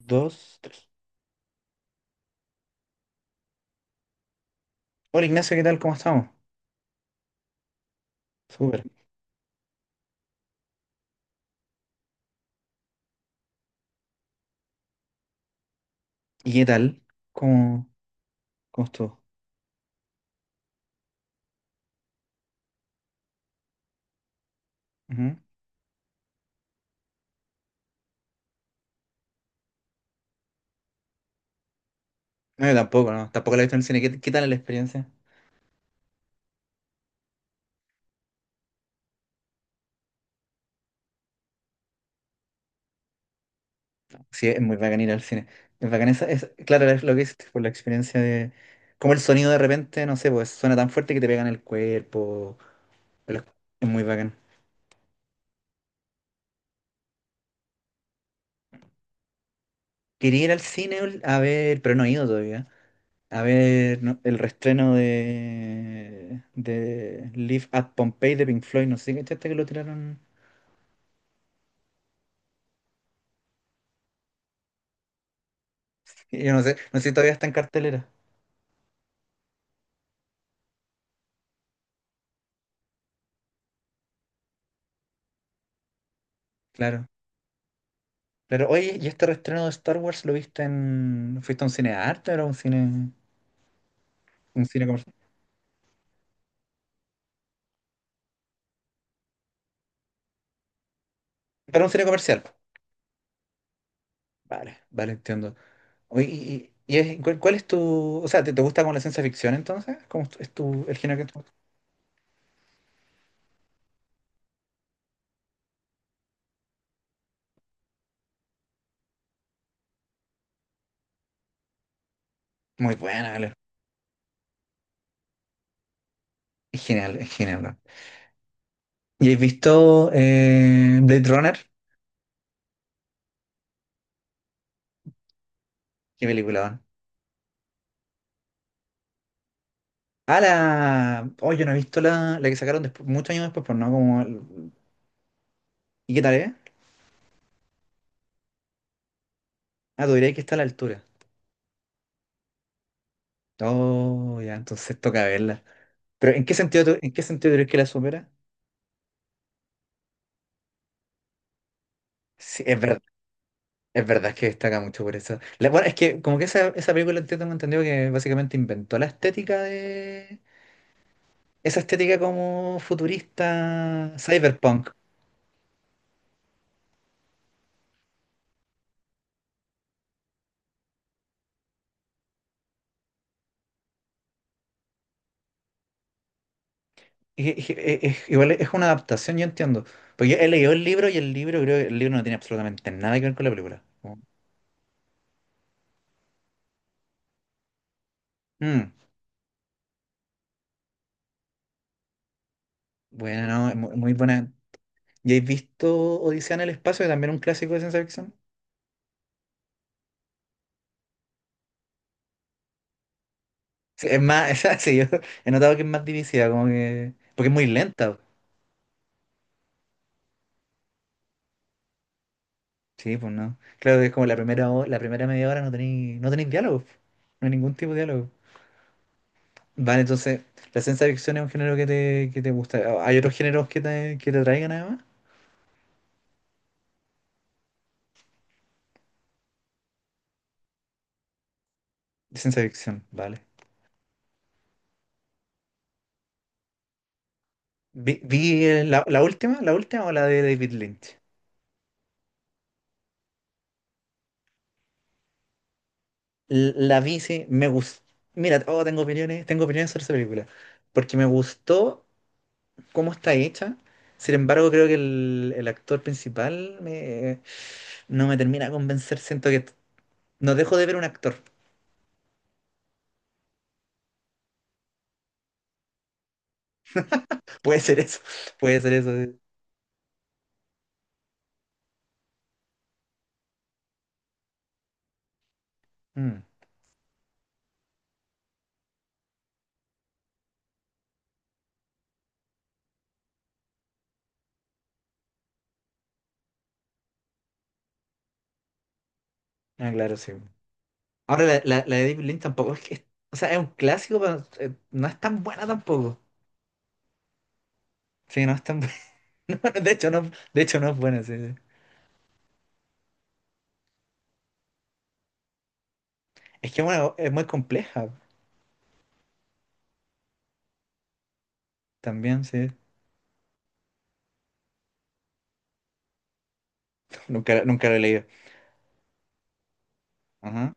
Dos, tres. Hola Ignacio, ¿qué tal? ¿Cómo estamos? Súper. ¿Y qué tal? ¿Cómo, cómo estuvo? Ujú. No, yo tampoco, no. Tampoco la he visto en el cine. ¿Qué tal la experiencia? Sí, es muy bacán ir al cine. Es bacán esa, es, claro, es lo que es por la experiencia de como el sonido de repente, no sé, pues suena tan fuerte que te pega en el cuerpo. Pero es muy bacán. Quería ir al cine a ver, pero no he ido todavía. A ver no, el reestreno de, Live at Pompeii de Pink Floyd. No sé si cachaste que lo tiraron. Yo no sé, no sé si todavía está en cartelera. Claro. Claro, oye, ¿y este reestreno de Star Wars lo viste en... ¿Fuiste a un cine de arte o era un cine comercial? Era un cine comercial. Vale, vale, entiendo. Oye, ¿cuál es tu... O sea, ¿te gusta como la ciencia ficción entonces? ¿Cómo es el género que tú... Muy buena, vale. Es genial, es genial, ¿no? ¿Y has visto Blade Runner? ¿Qué película, no? Ah, la... Oh, yo no he visto la, la que sacaron después, muchos años después, pues no, como... ¿Y qué tal es? Ah, tú dirías que está a la altura. Oh, ya, entonces toca verla. Pero ¿en qué sentido, en qué sentido crees que la supera? Sí, es verdad que destaca mucho por eso. Bueno, es que como que esa película entiendo, tengo entendido que básicamente inventó la estética de... Esa estética como futurista, cyberpunk. Igual es una adaptación, yo entiendo. Porque yo he leído el libro y el libro creo que el libro no tiene absolutamente nada que ver con la película. Como, mm, bueno, no, es muy buena. ¿Y has visto Odisea en el espacio, que también es un clásico de ciencia ficción? Sí, es más, sí, yo he notado que es más divisiva, como que. Porque es muy lenta. Sí, pues no. Claro que es como la primera, la primera media hora no tenéis no tenéis diálogo. No hay ningún tipo de diálogo. Vale, entonces, la ciencia ficción es un género que te gusta. ¿Hay otros géneros que te atraigan además? Ciencia ficción, vale. Vi, la, la última o la de David Lynch. La vi, sí, me gustó. Mira, oh, tengo opiniones sobre esa película. Porque me gustó cómo está hecha. Sin embargo, creo que el actor principal no me termina de convencer. Siento que no dejo de ver un actor. Puede ser eso, puede ser eso, sí. Mm. Ah, claro, sí. Ahora, la de David Lynch tampoco O sea, es un clásico, pero no es tan buena tampoco. Sí, no es tan buena. No, de hecho, no es buena, sí, sí. Es que bueno, es muy compleja también, sí. Nunca, nunca lo he leído. Ajá.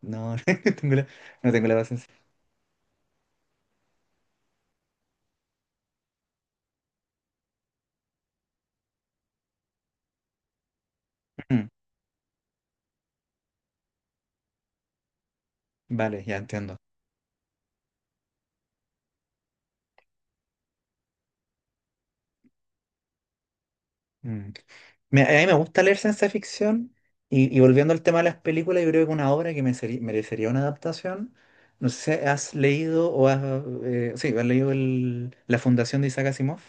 No, tengo la- no tengo la paciencia. Mm. Vale, ya entiendo. Mm. A mí me gusta leer ciencia ficción y volviendo al tema de las películas, yo creo que una obra que me merecería una adaptación. No sé si has leído o has, sí, has leído La Fundación de Isaac Asimov.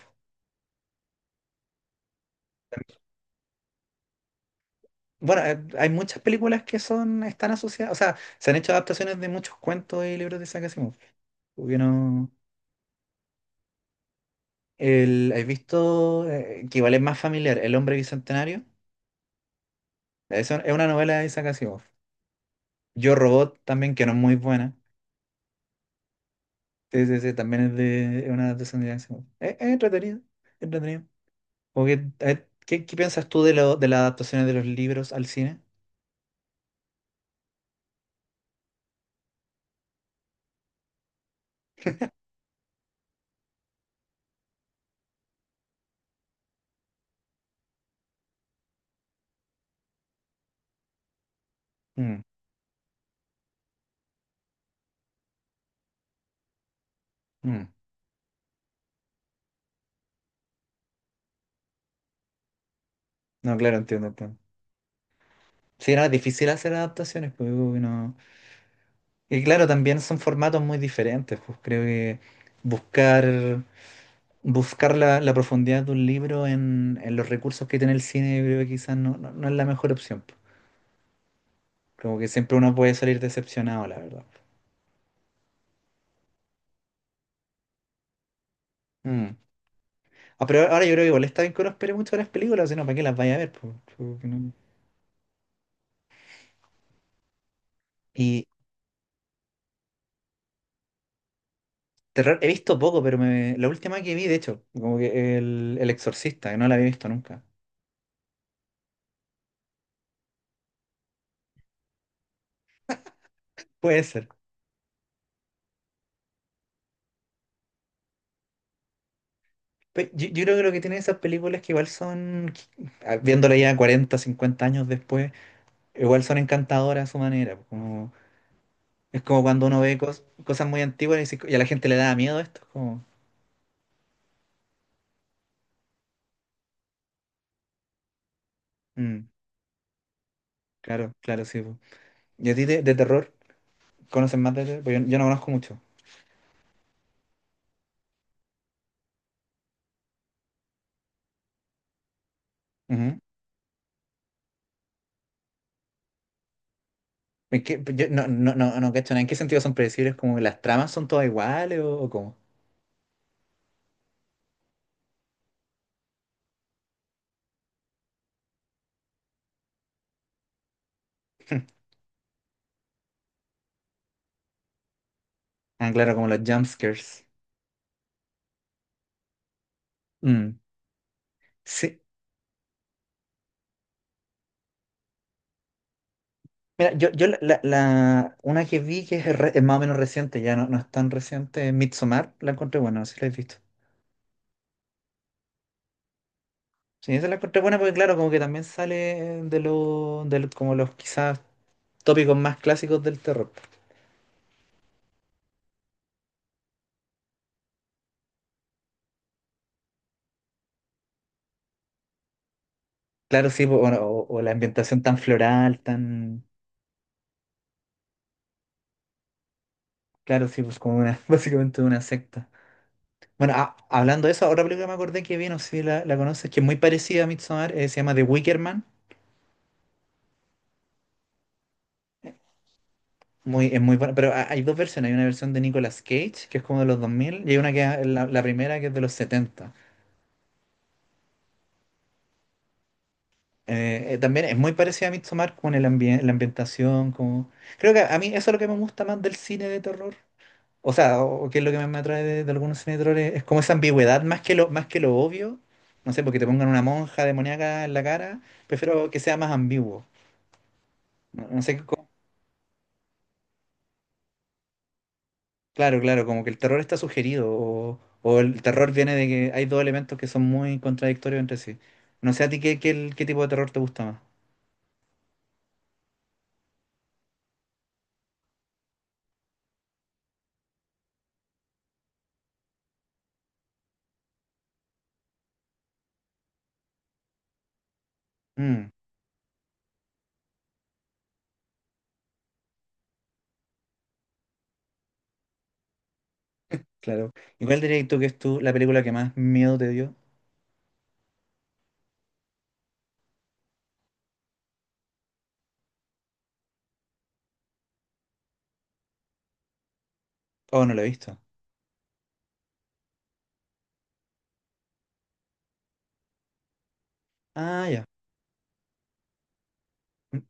Bueno, hay muchas películas que son, están asociadas, o sea, se han hecho adaptaciones de muchos cuentos y libros de Isaac Asimov. Hubieron ¿Has visto que igual es más familiar, El Hombre Bicentenario? Eso es una novela de Isaac Asimov. Yo Robot también, que no es muy buena. Sí, sí, sí, también es de es una adaptación de estadounidense. Es entretenido, es entretenido. Como que, a ver, ¿qué piensas tú de las adaptaciones de los libros al cine? Mm, mm. No, claro, entiendo, entiendo. Sí, era difícil hacer adaptaciones, pues como que no. Y claro, también son formatos muy diferentes, pues creo que buscar, buscar la, la profundidad de un libro en los recursos que tiene el cine, yo creo que quizás no, no, no es la mejor opción, pues. Como que siempre uno puede salir decepcionado, la verdad. Mm. Ah, pero ahora yo creo que igual está bien que uno espere mucho de las películas, sino para que las vaya a ver, po, porque. Y terror he visto poco, pero la última que vi, de hecho, como que el Exorcista, que no la había visto nunca. Puede ser. Yo creo que lo que tienen esas películas que igual son, ah, viéndola ya 40 50 años después, igual son encantadoras a su manera. Como, es como cuando uno ve cosas muy antiguas y, y a la gente le da miedo esto, es como, mm, claro, claro, sí, po. ¿Y a ti de terror? ¿Conoces más de terror? Porque yo no conozco mucho. Ujú. Es que yo no, no, no, no, cacho, nada. ¿En qué sentido son predecibles? ¿Como las tramas son todas iguales o cómo? Ah, claro, como los jumpscares. Mm, sí. Mira, yo una que vi que es, es más o menos reciente, ya no, no es tan reciente, es Midsommar, la encontré buena, no sé si la has visto. Sí, esa la encontré buena porque claro, como que también sale de los, como los quizás tópicos más clásicos del terror. Claro, sí, pues, bueno, o la ambientación tan floral, tan... Claro, sí, pues como una, básicamente una secta. Bueno, ah, hablando de eso, otra película que me acordé que vi, no sé si la, la conoces, que es muy parecida a Midsommar, se llama The Wicker Man. Es muy buena, pero hay dos versiones. Hay una versión de Nicolas Cage, que es como de los 2000 y hay una que es la, la primera, que es de los 70. También es muy parecida a Midsommar con el la ambientación. Como... Creo que a mí eso es lo que me gusta más del cine de terror. O sea, o que es lo que más me atrae de algunos cine de terror, es como esa ambigüedad, más que lo obvio. No sé, porque te pongan una monja demoníaca en la cara, prefiero que sea más ambiguo. No sé. Claro, claro, como que el terror está sugerido o el terror viene de que hay dos elementos que son muy contradictorios entre sí. No sé a ti qué tipo de terror te gusta más. Mm, claro. ¿Y cuál dirías tú que es tú la película que más miedo te dio? Oh, no la he visto. Ah, ya. Mm.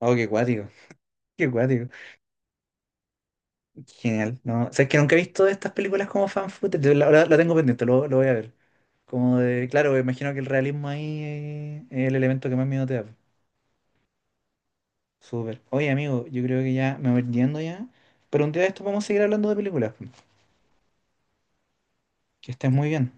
Oh, qué cuático. Qué cuático. Genial. No, o sea, es que nunca he visto estas películas como fan footage. La tengo pendiente, lo voy a ver. Como de, claro, me imagino que el realismo ahí es el elemento que más miedo te da. Súper. Oye, amigo, yo creo que ya me voy yendo ya. Pero un día de esto vamos a seguir hablando de películas. Que estés muy bien.